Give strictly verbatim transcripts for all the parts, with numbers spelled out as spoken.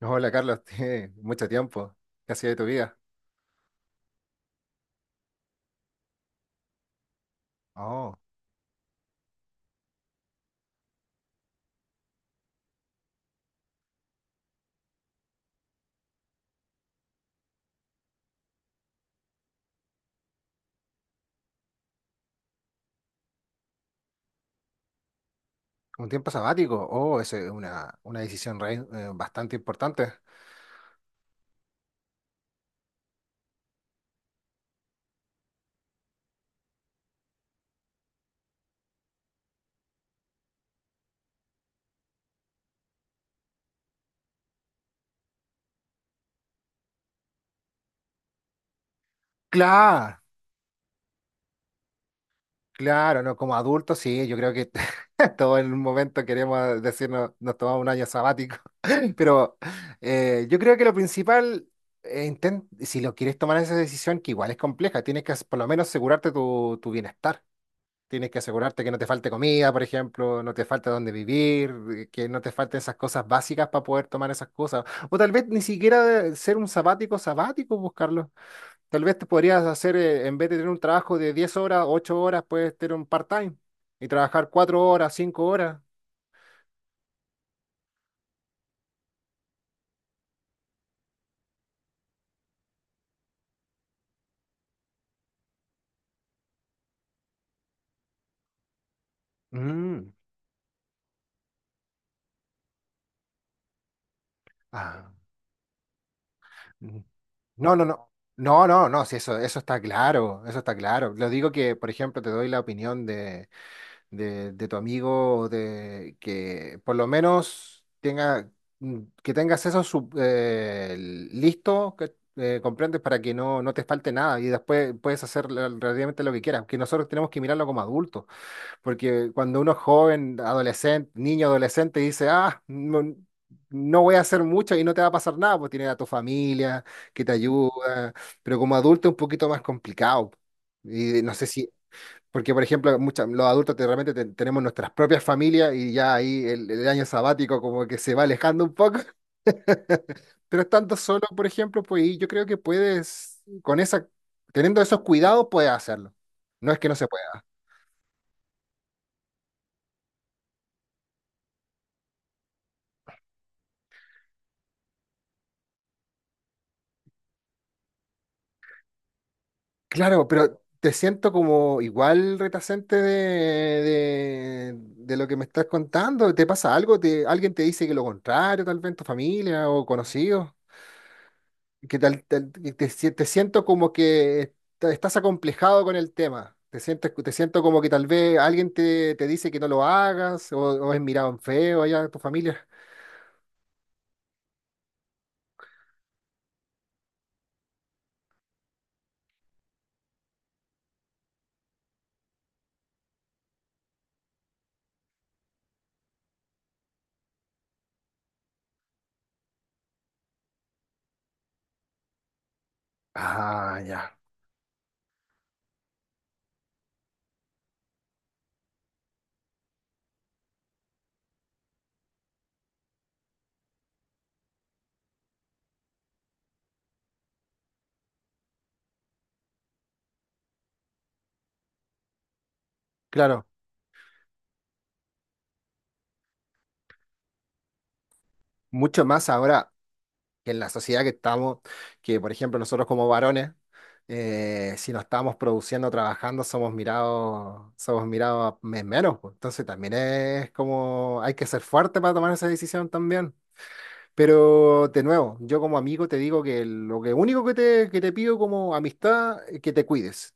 Hola Carlos, tiene mucho tiempo. ¿Qué ha sido de tu vida? Oh, un tiempo sabático. Oh, esa es una, una decisión re- eh, bastante importante. Claro, claro, ¿no? Como adultos, sí, yo creo que todos en un momento queremos decirnos, nos tomamos un año sabático. Pero eh, yo creo que lo principal, eh, inten- si lo quieres tomar esa decisión, que igual es compleja, tienes que as- por lo menos asegurarte tu, tu bienestar. Tienes que asegurarte que no te falte comida, por ejemplo, no te falte dónde vivir, eh, que no te falten esas cosas básicas para poder tomar esas cosas. O tal vez ni siquiera eh, ser un sabático sabático, buscarlo. Tal vez te podrías hacer, eh, en vez de tener un trabajo de diez horas, ocho horas, puedes tener un part-time y trabajar cuatro horas, cinco horas. Mm. Ah. Mm. No, no, no. No, no, no, sí, eso, eso está claro, eso está claro. Lo digo que, por ejemplo, te doy la opinión de, de, de, tu amigo, de que por lo menos tenga, mm, que tengas eso sub- eh, listo, que, eh, comprendes, para que no, no te falte nada y después puedes hacer la- relativamente lo que quieras, que nosotros tenemos que mirarlo como adultos, porque cuando uno es joven, adolescente, niño, adolescente, dice, ah, no, no voy a hacer mucho y no te va a pasar nada, pues tienes a tu familia que te ayuda, pero como adulto es un poquito más complicado. Y no sé si porque, por ejemplo, mucha- los adultos te- realmente te- tenemos nuestras propias familias y ya ahí el, el año sabático como que se va alejando un poco, pero estando solo, por ejemplo, pues y yo creo que puedes, con esa, teniendo esos cuidados, puedes hacerlo. No es que no se pueda. Claro, pero te siento como igual retacente de, de, de lo que me estás contando. ¿Te pasa algo? ¿Te, alguien te dice que lo contrario, tal vez en tu familia o conocidos? Que tal- tal- que te, si- te siento como que ta- estás acomplejado con el tema. Te sientes, te siento como que tal vez alguien te, te dice que no lo hagas o, o es mirado en feo allá en tu familia. Ah, ya. Claro, mucho más ahora que en la sociedad que estamos, que por ejemplo nosotros como varones, eh, si no estamos produciendo, trabajando, somos mirados, somos mirados me- menos, pues. Entonces también es como hay que ser fuerte para tomar esa decisión también. Pero de nuevo, yo como amigo te digo que lo que único que te, que te pido como amistad es que te cuides,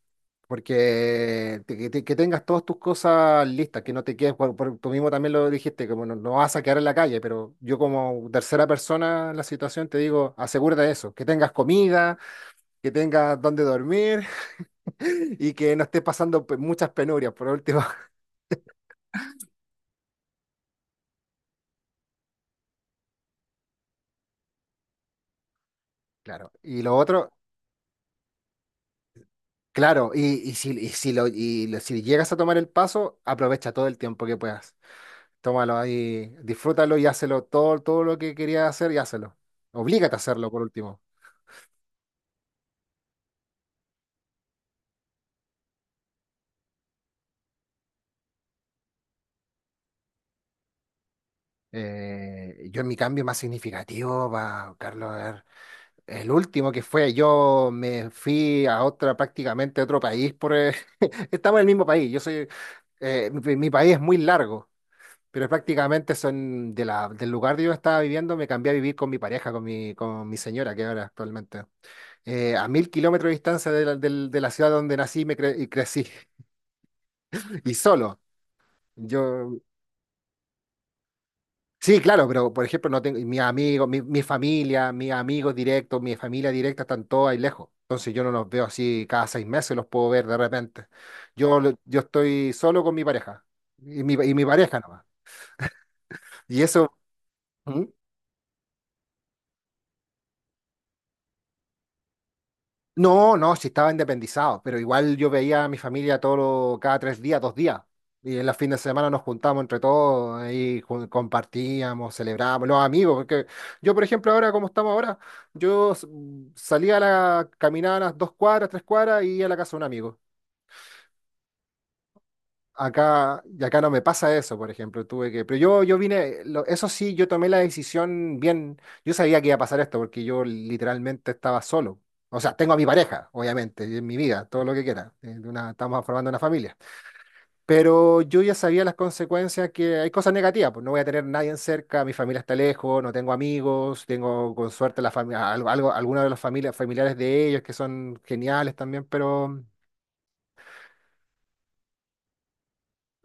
porque te- que, te- que tengas todas tus cosas listas, que no te quedes, por, por- tú mismo también lo dijiste, como no, no vas a quedar en la calle, pero yo como tercera persona en la situación te digo, asegúrate de eso, que tengas comida, que tengas donde dormir y que no estés pasando pe- muchas penurias por último. Claro, y lo otro... Claro, y, y si, y si, lo, y lo- si llegas a tomar el paso, aprovecha todo el tiempo que puedas. Tómalo ahí, disfrútalo y hazlo todo, todo lo que querías hacer y hazlo. Oblígate a hacerlo por último. Eh, yo en mi cambio más significativo, va, Carlos, a ver, el último que fue, yo me fui a otra, prácticamente a otro país por... eh, estamos en el mismo país, yo soy... eh, mi, mi país es muy largo, pero prácticamente son de la, del lugar donde yo estaba viviendo, me cambié a vivir con mi pareja, con mi, con mi señora que ahora actualmente. Eh, a mil kilómetros de distancia de la, del- de la ciudad donde nací y me cre- y crecí. Y solo. Yo, sí, claro, pero por ejemplo, no tengo mis amigos, mi, mi familia, mis amigos directos, mi familia directa están todos ahí lejos. Entonces yo no los veo así cada seis meses, los puedo ver de repente. Yo, lo- yo estoy solo con mi pareja y mi, y mi pareja nomás. Y eso. ¿Mm? No, no, sí estaba independizado, pero igual yo veía a mi familia todos cada tres días, dos días. Y en los fines de semana nos juntábamos entre todos, ahí ju- compartíamos, celebrábamos, los amigos, porque yo, por ejemplo, ahora como estamos ahora, yo s- salía a la, caminaba a las dos cuadras, tres cuadras y iba a la casa de un amigo. Acá, y acá no me pasa eso, por ejemplo, tuve que, pero yo, yo vine, lo- eso sí, yo tomé la decisión bien, yo sabía que iba a pasar esto porque yo literalmente estaba solo. O sea, tengo a mi pareja, obviamente, y en mi vida, todo lo que quiera. Eh, de una- estamos formando una familia. Pero yo ya sabía las consecuencias que hay cosas negativas, pues no voy a tener nadie en cerca, mi familia está lejos, no tengo amigos, tengo con suerte la familia, algo, algo, algunos de los familia- familiares de ellos que son geniales también, pero...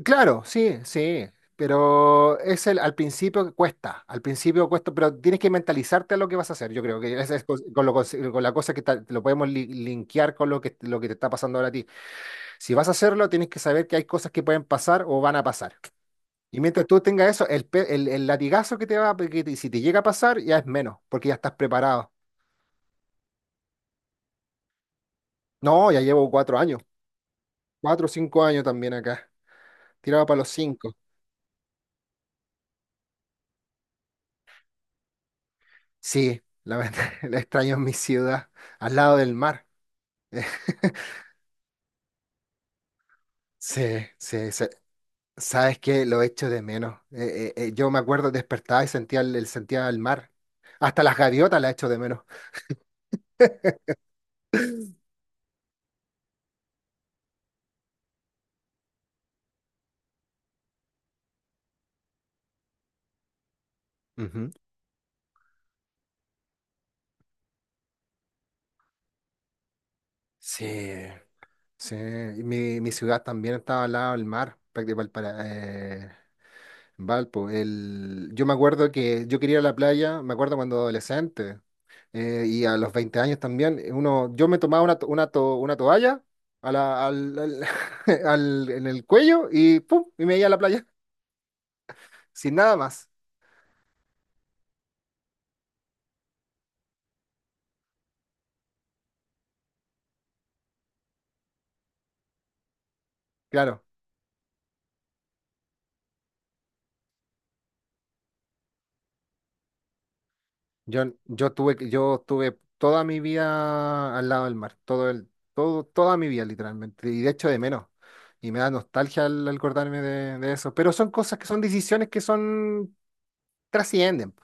Claro, sí, sí, pero es el, al principio cuesta, al principio cuesta, pero tienes que mentalizarte a lo que vas a hacer. Yo creo que esa es cos- con, lo cons- con la cosa que ta- te lo podemos li- linkear con lo que, lo que te está pasando ahora a ti. Si vas a hacerlo, tienes que saber que hay cosas que pueden pasar o van a pasar. Y mientras tú tengas eso, el, pe- el, el latigazo que te va, a- que te- si te llega a pasar, ya es menos, porque ya estás preparado. No, ya llevo cuatro años, cuatro o cinco años también acá, tirado para los cinco. Sí, la verdad, la extraño en mi ciudad, al lado del mar. Sí, sí, sí. Sabes que lo echo de menos. Eh, eh, eh, yo me acuerdo despertaba y sentía el, el- sentía el mar. Hasta las gaviotas las echo de menos. Ujú. Sí, sí. Y Mi, mi ciudad también estaba al lado del mar, prácticamente para eh, Valpo. El, yo me acuerdo que yo quería ir a la playa, me acuerdo cuando adolescente eh, y a los veinte años también. eh, Uno, yo me tomaba una, to- una, to- una toalla a la- al, al- al- en el cuello y ¡pum! Y me iba a la playa sin nada más. Claro, yo, yo tuve, que- yo tuve toda mi vida al lado del mar, todo el, todo, toda mi vida literalmente, y de hecho de menos. Y me da nostalgia al, al acordarme de, de eso. Pero son cosas que son decisiones que son, trascienden.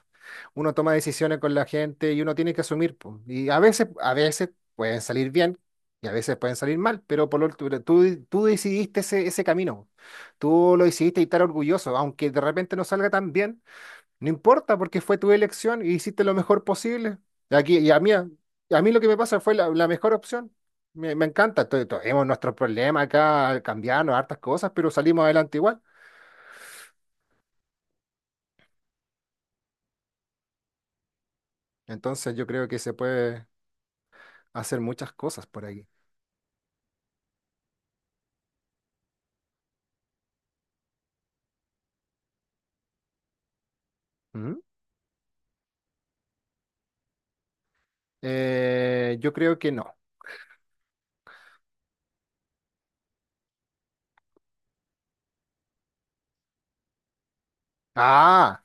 Uno toma decisiones con la gente y uno tiene que asumir, po. Y a veces, a veces pueden salir bien y a veces pueden salir mal, pero por lo tú, tú tú decidiste ese, ese camino. Tú lo decidiste y estar orgulloso, aunque de repente no salga tan bien. No importa, porque fue tu elección y hiciste lo mejor posible. Aquí, y a mí, a mí lo que me pasa fue la, la mejor opción. Me, me encanta. to- Tenemos nuestros problemas acá, cambiarnos hartas cosas, pero salimos adelante igual. Entonces yo creo que se puede hacer muchas cosas por aquí. ¿Mm? Eh, yo creo que no. Ah,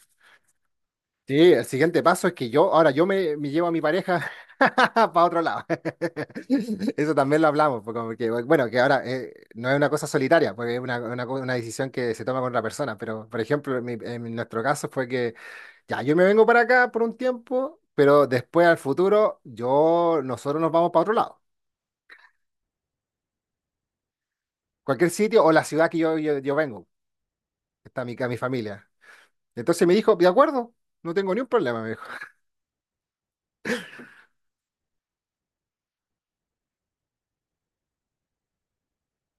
sí, el siguiente paso es que yo, ahora yo me, me llevo a mi pareja para otro lado. Eso también lo hablamos, porque, porque, bueno, que ahora eh, no es una cosa solitaria, porque es una, una, co- una decisión que se toma con otra persona, pero por ejemplo, en, mi- en nuestro caso fue que ya yo me vengo para acá por un tiempo, pero después al futuro yo, nosotros nos vamos para otro lado, cualquier sitio o la ciudad que yo, yo, yo vengo, que está mi, ca- mi familia. Entonces me dijo, de acuerdo, no tengo ni un problema.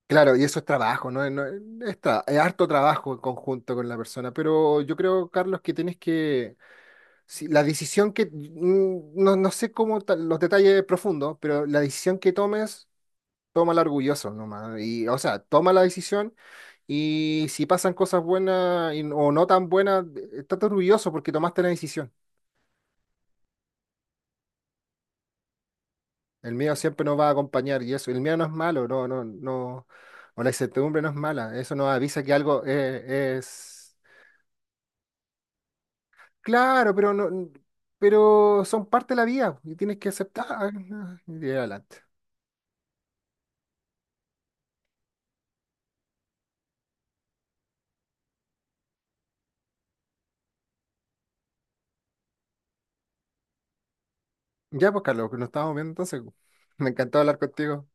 Claro, y eso es trabajo, ¿no? No- es, tra- es harto trabajo en conjunto con la persona, pero yo creo, Carlos, que tienes que, si la decisión que, mm, no, no sé cómo ta- los detalles profundos, pero la decisión que tomes, tómala orgulloso nomás. Y, o sea, toma la decisión y si pasan cosas buenas y- o no tan buenas, eh, estate orgulloso porque tomaste la decisión. El miedo siempre nos va a acompañar y eso, el miedo no es malo, no, no, no, o la incertidumbre no es mala, eso nos avisa que algo eh, es... Claro, pero no, pero son parte de la vida y tienes que aceptar. Y adelante. Ya, pues, Carlos, que nos estamos viendo entonces. Me encantó hablar contigo.